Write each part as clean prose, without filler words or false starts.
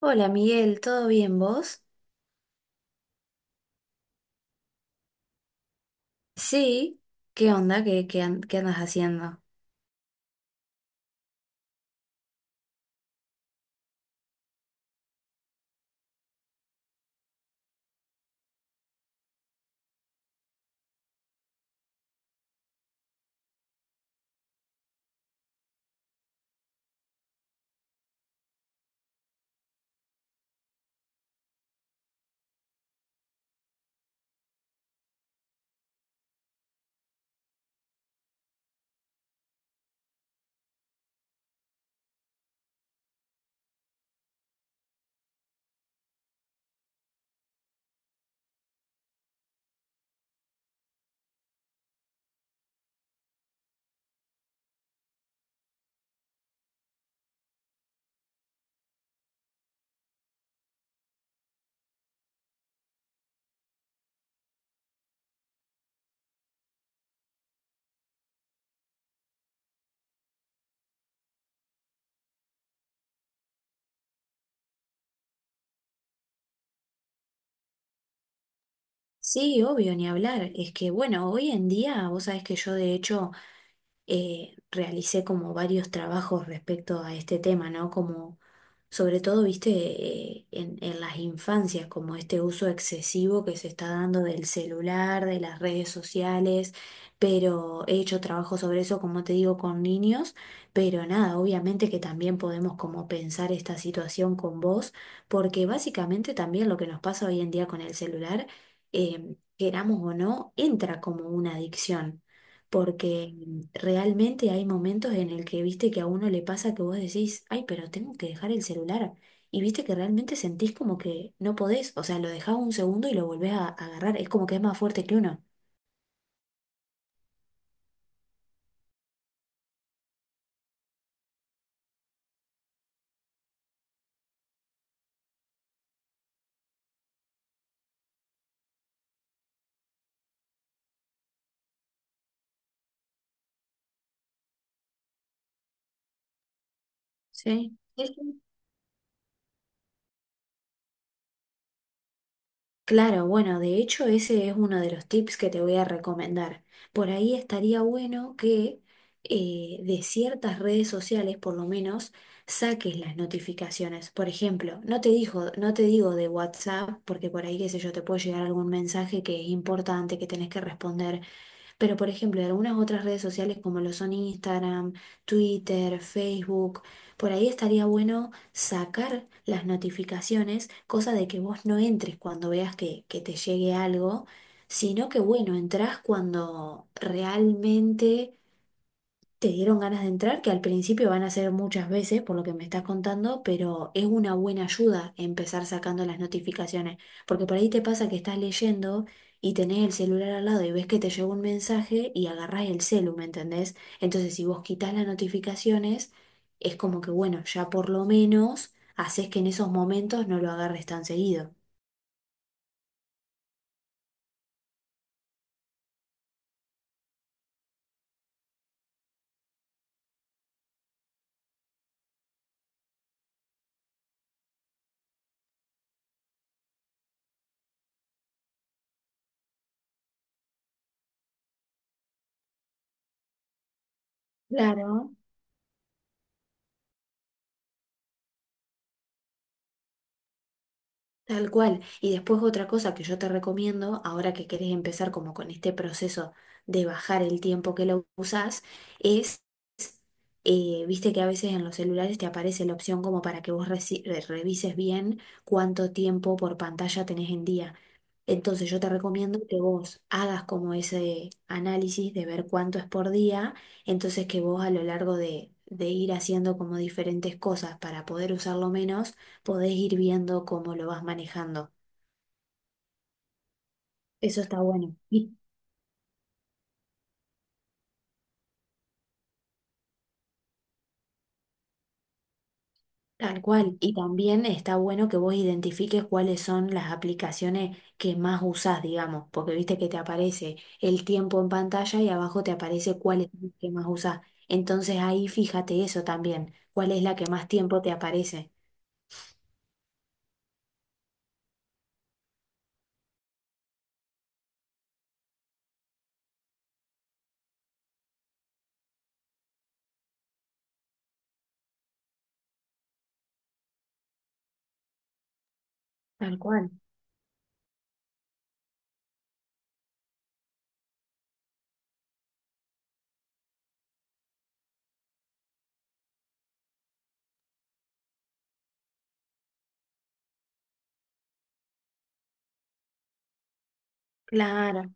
Hola Miguel, ¿todo bien vos? Sí, ¿qué onda? ¿Qué andas haciendo? Sí, obvio, ni hablar. Es que, bueno, hoy en día, vos sabés que yo de hecho realicé como varios trabajos respecto a este tema, ¿no? Como sobre todo, viste, en las infancias, como este uso excesivo que se está dando del celular, de las redes sociales, pero he hecho trabajo sobre eso, como te digo, con niños, pero nada, obviamente que también podemos como pensar esta situación con vos, porque básicamente también lo que nos pasa hoy en día con el celular, queramos o no, entra como una adicción porque realmente hay momentos en el que viste que a uno le pasa que vos decís, ay, pero tengo que dejar el celular. Y viste que realmente sentís como que no podés, o sea, lo dejás un segundo y lo volvés a agarrar. Es como que es más fuerte que uno. Sí. Sí, sí. Claro, bueno, de hecho ese es uno de los tips que te voy a recomendar. Por ahí estaría bueno que de ciertas redes sociales, por lo menos, saques las notificaciones. Por ejemplo, no te digo de WhatsApp, porque por ahí, qué sé yo, te puede llegar algún mensaje que es importante, que tenés que responder, pero, por ejemplo, en algunas otras redes sociales como lo son Instagram, Twitter, Facebook, por ahí estaría bueno sacar las notificaciones, cosa de que vos no entres cuando veas que te llegue algo, sino que, bueno, entrás cuando realmente te dieron ganas de entrar, que al principio van a ser muchas veces, por lo que me estás contando, pero es una buena ayuda empezar sacando las notificaciones, porque por ahí te pasa que estás leyendo y tenés el celular al lado y ves que te llegó un mensaje y agarrás el celu, ¿me entendés? Entonces, si vos quitas las notificaciones, es como que, bueno, ya por lo menos haces que en esos momentos no lo agarres tan seguido. Claro. Tal cual. Y después otra cosa que yo te recomiendo, ahora que querés empezar como con este proceso de bajar el tiempo que lo usás, es, viste que a veces en los celulares te aparece la opción como para que vos revises bien cuánto tiempo por pantalla tenés en día. Entonces yo te recomiendo que vos hagas como ese análisis de ver cuánto es por día, entonces que vos a lo largo de ir haciendo como diferentes cosas para poder usarlo menos, podés ir viendo cómo lo vas manejando. Eso está bueno. Tal cual. Y también está bueno que vos identifiques cuáles son las aplicaciones que más usás, digamos, porque viste que te aparece el tiempo en pantalla y abajo te aparece cuál es la que más usás. Entonces ahí fíjate eso también, cuál es la que más tiempo te aparece. Tal cual. Claro,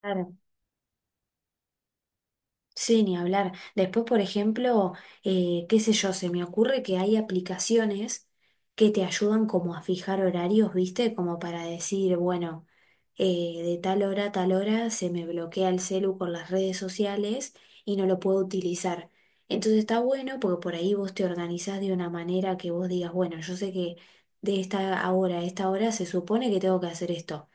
claro. Sí, ni hablar. Después, por ejemplo, qué sé yo, se me ocurre que hay aplicaciones que te ayudan como a fijar horarios, ¿viste? Como para decir, bueno, de tal hora a tal hora se me bloquea el celu con las redes sociales y no lo puedo utilizar. Entonces está bueno porque por ahí vos te organizás de una manera que vos digas, bueno, yo sé que de esta hora a esta hora se supone que tengo que hacer esto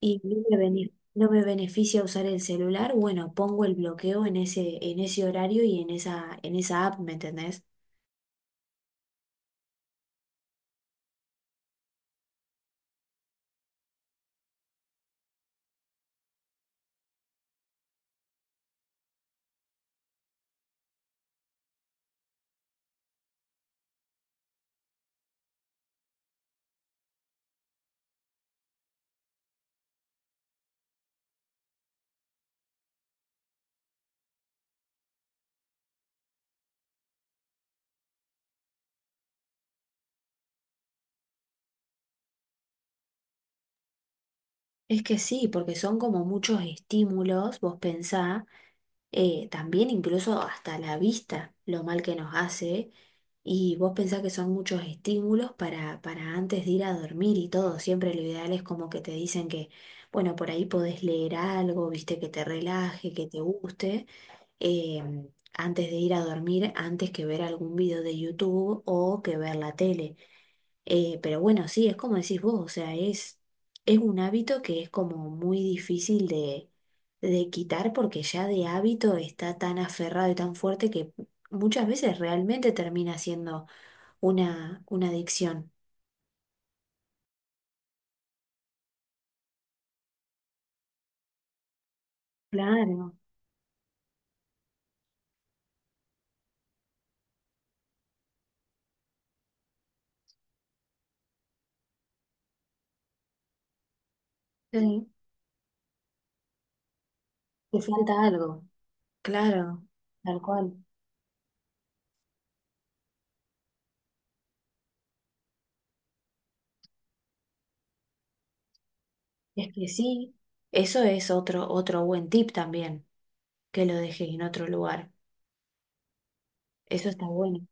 y no me beneficia usar el celular, bueno, pongo el bloqueo en ese horario y en esa app, ¿me entendés? Es que sí, porque son como muchos estímulos, vos pensá, también incluso hasta la vista, lo mal que nos hace, y vos pensá que son muchos estímulos para antes de ir a dormir y todo, siempre lo ideal es como que te dicen que, bueno, por ahí podés leer algo, viste, que te relaje, que te guste. eh, antes de ir a dormir, antes que ver algún video de YouTube o que ver la tele. Pero bueno, sí, es como decís vos, o sea, es un hábito que es como muy difícil de quitar porque ya de hábito está tan aferrado y tan fuerte que muchas veces realmente termina siendo una adicción. Claro, sí, te falta algo. Claro, tal cual. Es que sí, eso es otro buen tip también. Que lo dejes en otro lugar. Eso está bueno.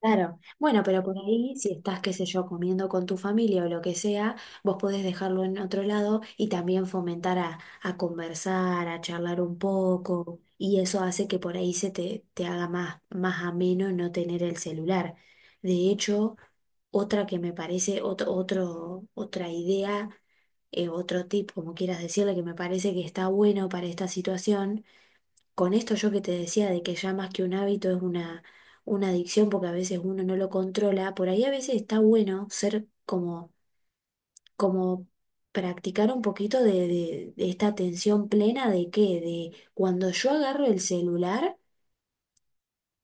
Claro. Bueno, pero por ahí, si estás, qué sé yo, comiendo con tu familia o lo que sea, vos podés dejarlo en otro lado y también fomentar a conversar, a charlar un poco. Y eso hace que por ahí se te haga más ameno no tener el celular. De hecho, otra que me parece, otra idea, otro tip, como quieras decirle, que me parece que está bueno para esta situación con esto yo que te decía de que ya más que un hábito es una adicción porque a veces uno no lo controla, por ahí a veces está bueno ser como practicar un poquito de esta atención plena de cuando yo agarro el celular,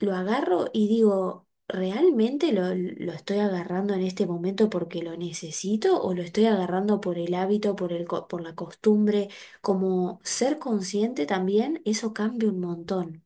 lo agarro y digo, ¿realmente lo estoy agarrando en este momento porque lo necesito o lo estoy agarrando por el hábito, por la costumbre? Como ser consciente también, eso cambia un montón.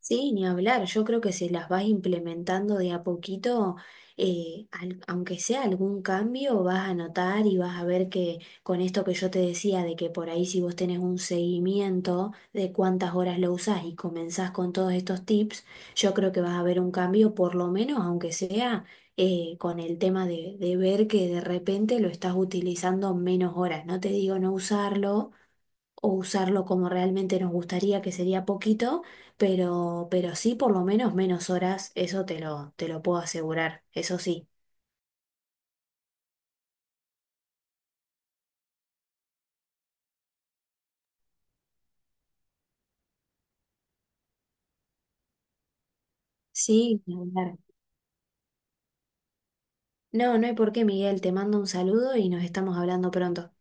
Sí, ni hablar. Yo creo que si las vas implementando de a poquito, aunque sea algún cambio, vas a notar y vas a ver que con esto que yo te decía, de que por ahí si vos tenés un seguimiento de cuántas horas lo usás y comenzás con todos estos tips, yo creo que vas a ver un cambio, por lo menos, aunque sea con el tema de ver que de repente lo estás utilizando menos horas. No te digo no usarlo o usarlo como realmente nos gustaría, que sería poquito, pero sí por lo menos menos horas, eso te lo puedo asegurar, eso sí. Sí, ni hablar. No, no hay por qué, Miguel, te mando un saludo y nos estamos hablando pronto.